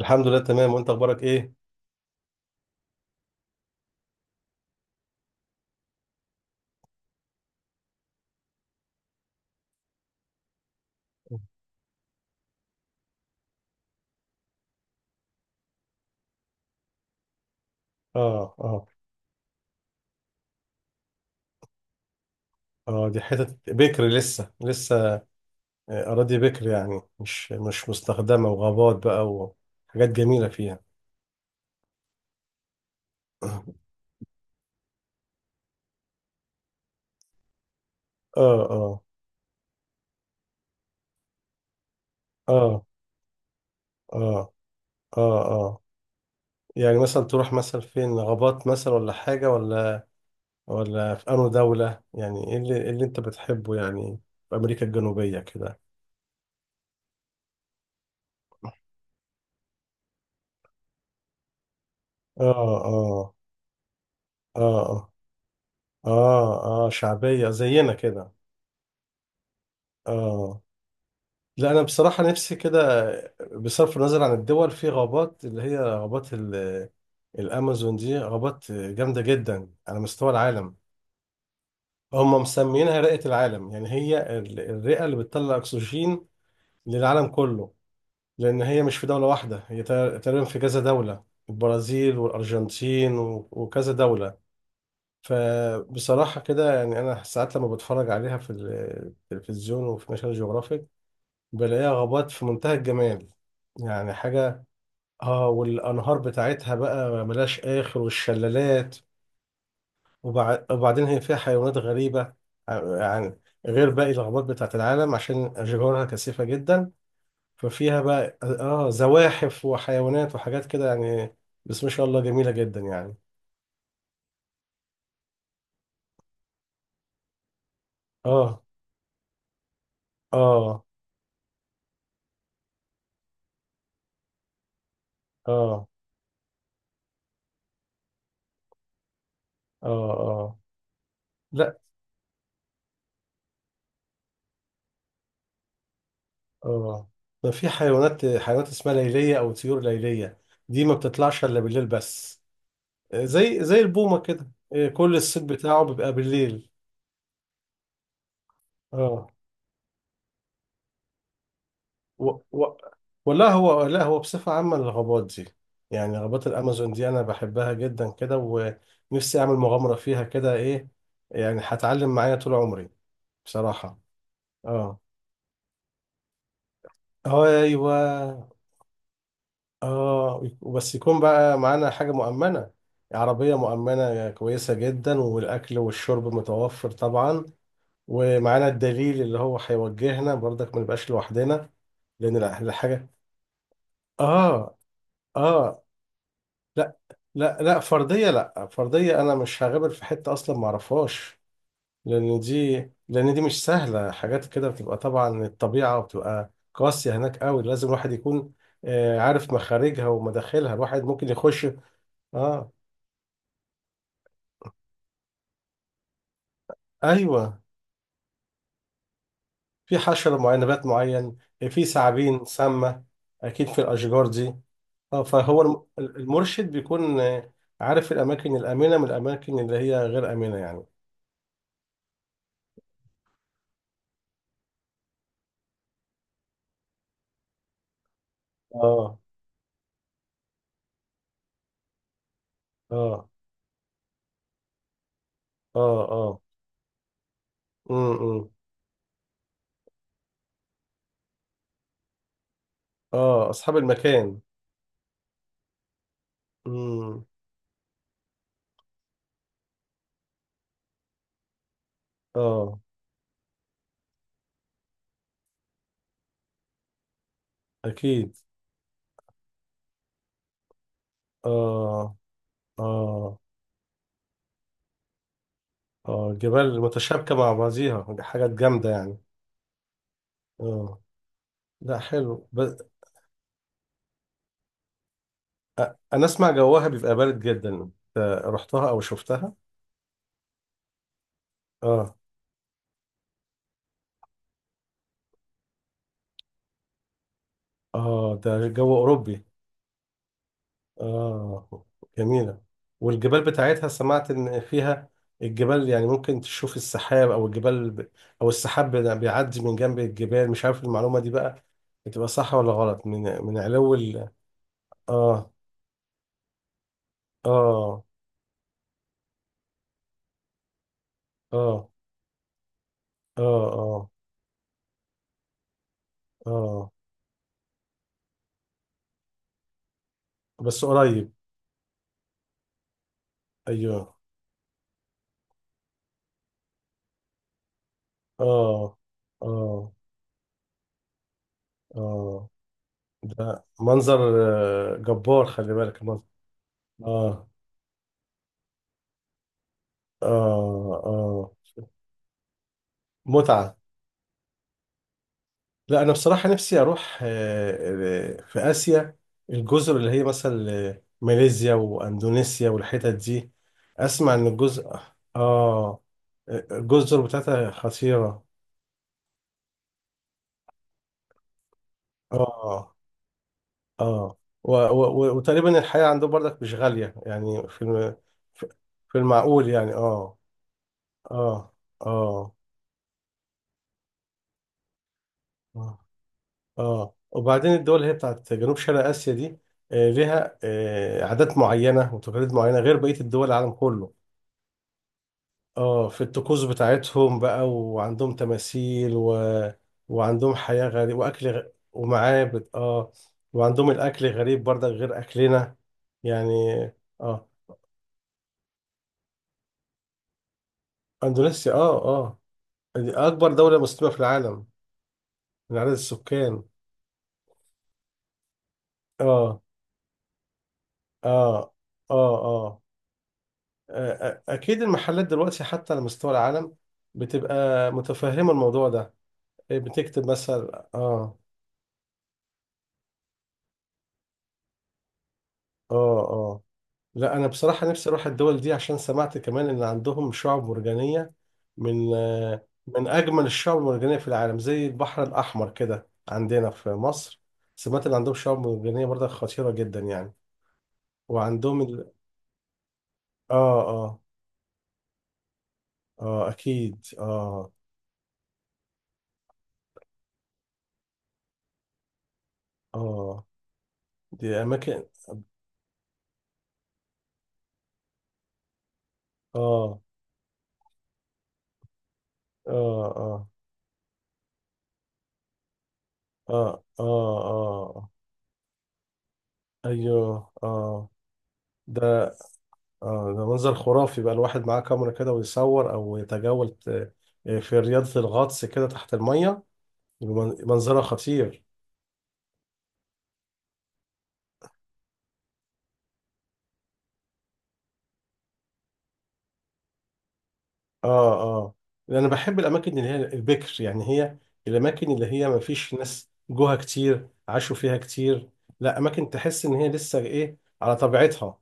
الحمد لله، تمام. وانت اخبارك ايه؟ اه، اه، اه. دي حتة بكر لسه. اراضي بكر، يعني مش مستخدمة، وغابات بقى، وحاجات جميلة فيها. اه، اه، اه، اه، اه، اه. يعني مثلا تروح مثلا فين؟ غابات مثلا ولا حاجة؟ ولا في انو دولة، يعني ايه إيه اللي انت بتحبه يعني؟ في امريكا الجنوبية كده؟ اه، اه، اه، اه، اه، اه، شعبية زينا كده. اه. لا انا بصراحه نفسي كده، بصرف النظر عن الدول، في غابات اللي هي غابات الامازون. دي غابات جامده جدا على مستوى العالم. هم مسمينها رئه العالم، يعني هي الرئه اللي بتطلع اكسجين للعالم كله. لان هي مش في دوله واحده، هي تقريبا في كذا دوله، البرازيل والارجنتين وكذا دوله. فبصراحه كده يعني، انا ساعات لما بتفرج عليها في التلفزيون وفي ناشونال جيوغرافيك، بلاقيها غابات في منتهى الجمال، يعني حاجه. اه. والانهار بتاعتها بقى ملهاش اخر، والشلالات. وبعدين هي فيها حيوانات غريبه، يعني غير باقي الغابات بتاعت العالم، عشان اشجارها كثيفه جدا. ففيها بقى اه زواحف وحيوانات وحاجات كده يعني. بس ما شاء الله جميله جدا يعني. اه، اه، اه، اه، اه، لا، اه. ده في حيوانات اسمها ليليه، او طيور ليليه، دي ما بتطلعش الا بالليل بس. زي البومة كده، كل الصيت بتاعه بيبقى بالليل. اه. و، و، ولا هو لا هو بصفة عامة الغابات دي، يعني غابات الأمازون دي أنا بحبها جدا كده. ونفسي أعمل مغامرة فيها كده، إيه يعني، هتعلم معايا طول عمري بصراحة. اه. أيوه. اه، وبس يكون بقى معانا حاجة مؤمنة، عربية مؤمنة كويسة جدا، والأكل والشرب متوفر طبعا. ومعانا الدليل اللي هو هيوجهنا برضك، ما نبقاش لوحدنا. لان الحاجه، اه، اه، لا، لا فرديه، انا مش هغامر في حته اصلا ما اعرفهاش. لان دي لان دي مش سهله. حاجات كده بتبقى طبعا الطبيعه، وبتبقى قاسيه هناك قوي، لازم الواحد يكون عارف مخارجها ومداخلها. الواحد ممكن يخش. اه، ايوه، في حشره معينه، نبات معين، في ثعابين سامه اكيد في الاشجار دي. اه. فهو المرشد بيكون عارف الاماكن الامنه من الاماكن اللي هي غير امنه يعني. اه، اه، اه، اه، إمم. اه، اصحاب المكان. امم. اه، اكيد. اه، اه، اه، جبال متشابكه مع بعضيها، دي حاجات جامده يعني. اه، لا حلو. بس انا اسمع جواها بيبقى بارد جدا. رحتها او شفتها؟ اه، اه، ده جو اوروبي. آه، جميلة. والجبال بتاعتها سمعت إن فيها الجبال، يعني ممكن تشوف السحاب، أو الجبال ب، أو السحاب بيعدي من جنب الجبال. مش عارف المعلومة دي بقى بتبقى صح ولا غلط؟ من علو ال، آه، آه، آه، آه، آه، آه، بس قريب. أيوه، آه، آه، آه. ده منظر جبار، خلي بالك المنظر. آه، آه، آه. متعة. لا انا بصراحه نفسي اروح، في اسيا، الجزر اللي هي مثلا ماليزيا واندونيسيا والحتت دي. اسمع ان الجزء، اه، الجزر بتاعتها خطيره. اه، اه. و، و، وتقريبا الحياه عندهم برضك مش غاليه يعني. في الم، في في المعقول يعني. اه. اه، اه، اه، اه، وبعدين الدول اللي هي بتاعت جنوب شرق اسيا دي ليها عادات معينه وتقاليد معينه غير بقيه الدول العالم كله. اه، في الطقوس بتاعتهم بقى، وعندهم تماثيل، و... وعندهم حياة غريبة، واكل غ، ومعابد. اه. وعندهم الاكل غريب برضك غير اكلنا يعني. اه، اندونيسيا، اه، اه. دي اكبر دولة مسلمة في العالم. من عدد السكان. اه، اه، اه، اه، اكيد المحلات دلوقتي حتى على مستوى العالم بتبقى متفهمة الموضوع ده. إيه، بتكتب مثلا. اه، اه، اه. لا انا بصراحه نفسي اروح الدول دي، عشان سمعت كمان ان عندهم شعب مرجانيه، من من اجمل الشعب المرجانيه في العالم، زي البحر الاحمر كده عندنا في مصر. سمعت ان عندهم شعب مرجانيه برضه خطيره جدا يعني. وعندهم ال، اه، اه، اه، اكيد، اه، اه. دي اماكن. اه، اه، اه، اه، اه، اه، ايوه، اه، ده، اه، ده منظر خرافي بقى. الواحد معاه كاميرا كده ويصور او يتجول ت، في رياضة الغطس كده تحت المية، يبقى منظرها خطير. اه، اه. انا بحب الاماكن اللي هي البكر. يعني هي الاماكن اللي هي ما فيش ناس جوها كتير عاشوا فيها كتير. لا، اماكن تحس ان هي لسه ايه، على طبيعتها.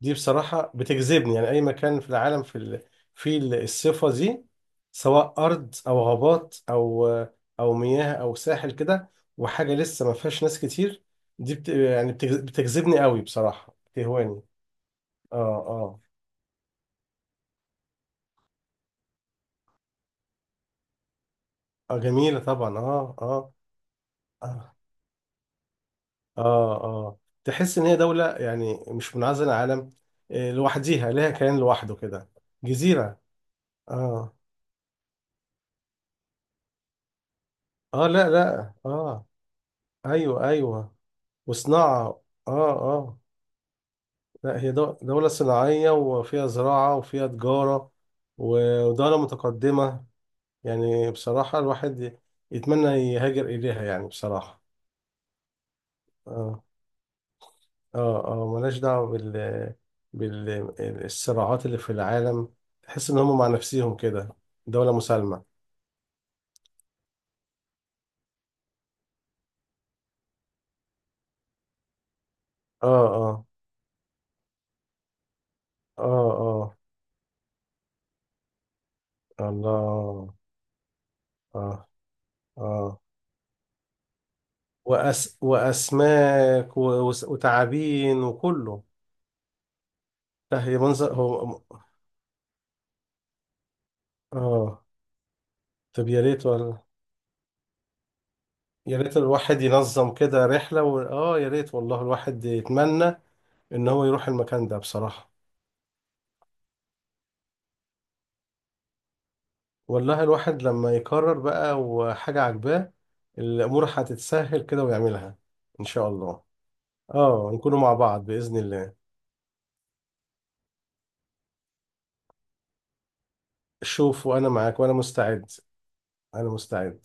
دي بصراحة بتجذبني، يعني أي مكان في العالم في ال، في الصفة دي، سواء أرض أو غابات، أو أو مياه أو ساحل كده، وحاجة لسه ما فيهاش ناس كتير. دي بتجذبني قوي بصراحة، بتهواني. آه، آه، آه، جميلة طبعا، آه، آه، آه، آه، آه. تحس إن هي دولة يعني مش منعزلة عن العالم، لوحديها، لها كيان لوحده كده. جزيرة، آه، آه، لا، لا، آه، أيوه، أيوه. وصناعة، اه، اه. لا هي دولة صناعية وفيها زراعة وفيها تجارة، ودولة متقدمة، يعني بصراحة الواحد يتمنى يهاجر إليها يعني بصراحة. اه، اه، اه، ملهاش دعوة بال، بالصراعات اللي في العالم. تحس إن هم مع نفسهم كده، دولة مسالمة. اه، اه، اه، اه، الله، اه، اه، وأس، وتعابين وكله. لا هي منظر هو. اه. طب يا ريت ولا، يا ريت الواحد ينظم كده رحلة، و، اه، يا ريت والله. الواحد يتمنى ان هو يروح المكان ده بصراحة. والله الواحد لما يقرر بقى وحاجة عجباه، الامور هتتسهل كده ويعملها ان شاء الله. اه، نكونوا مع بعض بإذن الله. شوف، وانا معاك وانا مستعد. انا مستعد.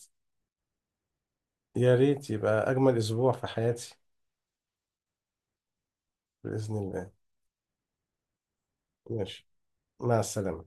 يا ريت يبقى اجمل اسبوع في حياتي. بإذن الله. ماشي، مع السلامة.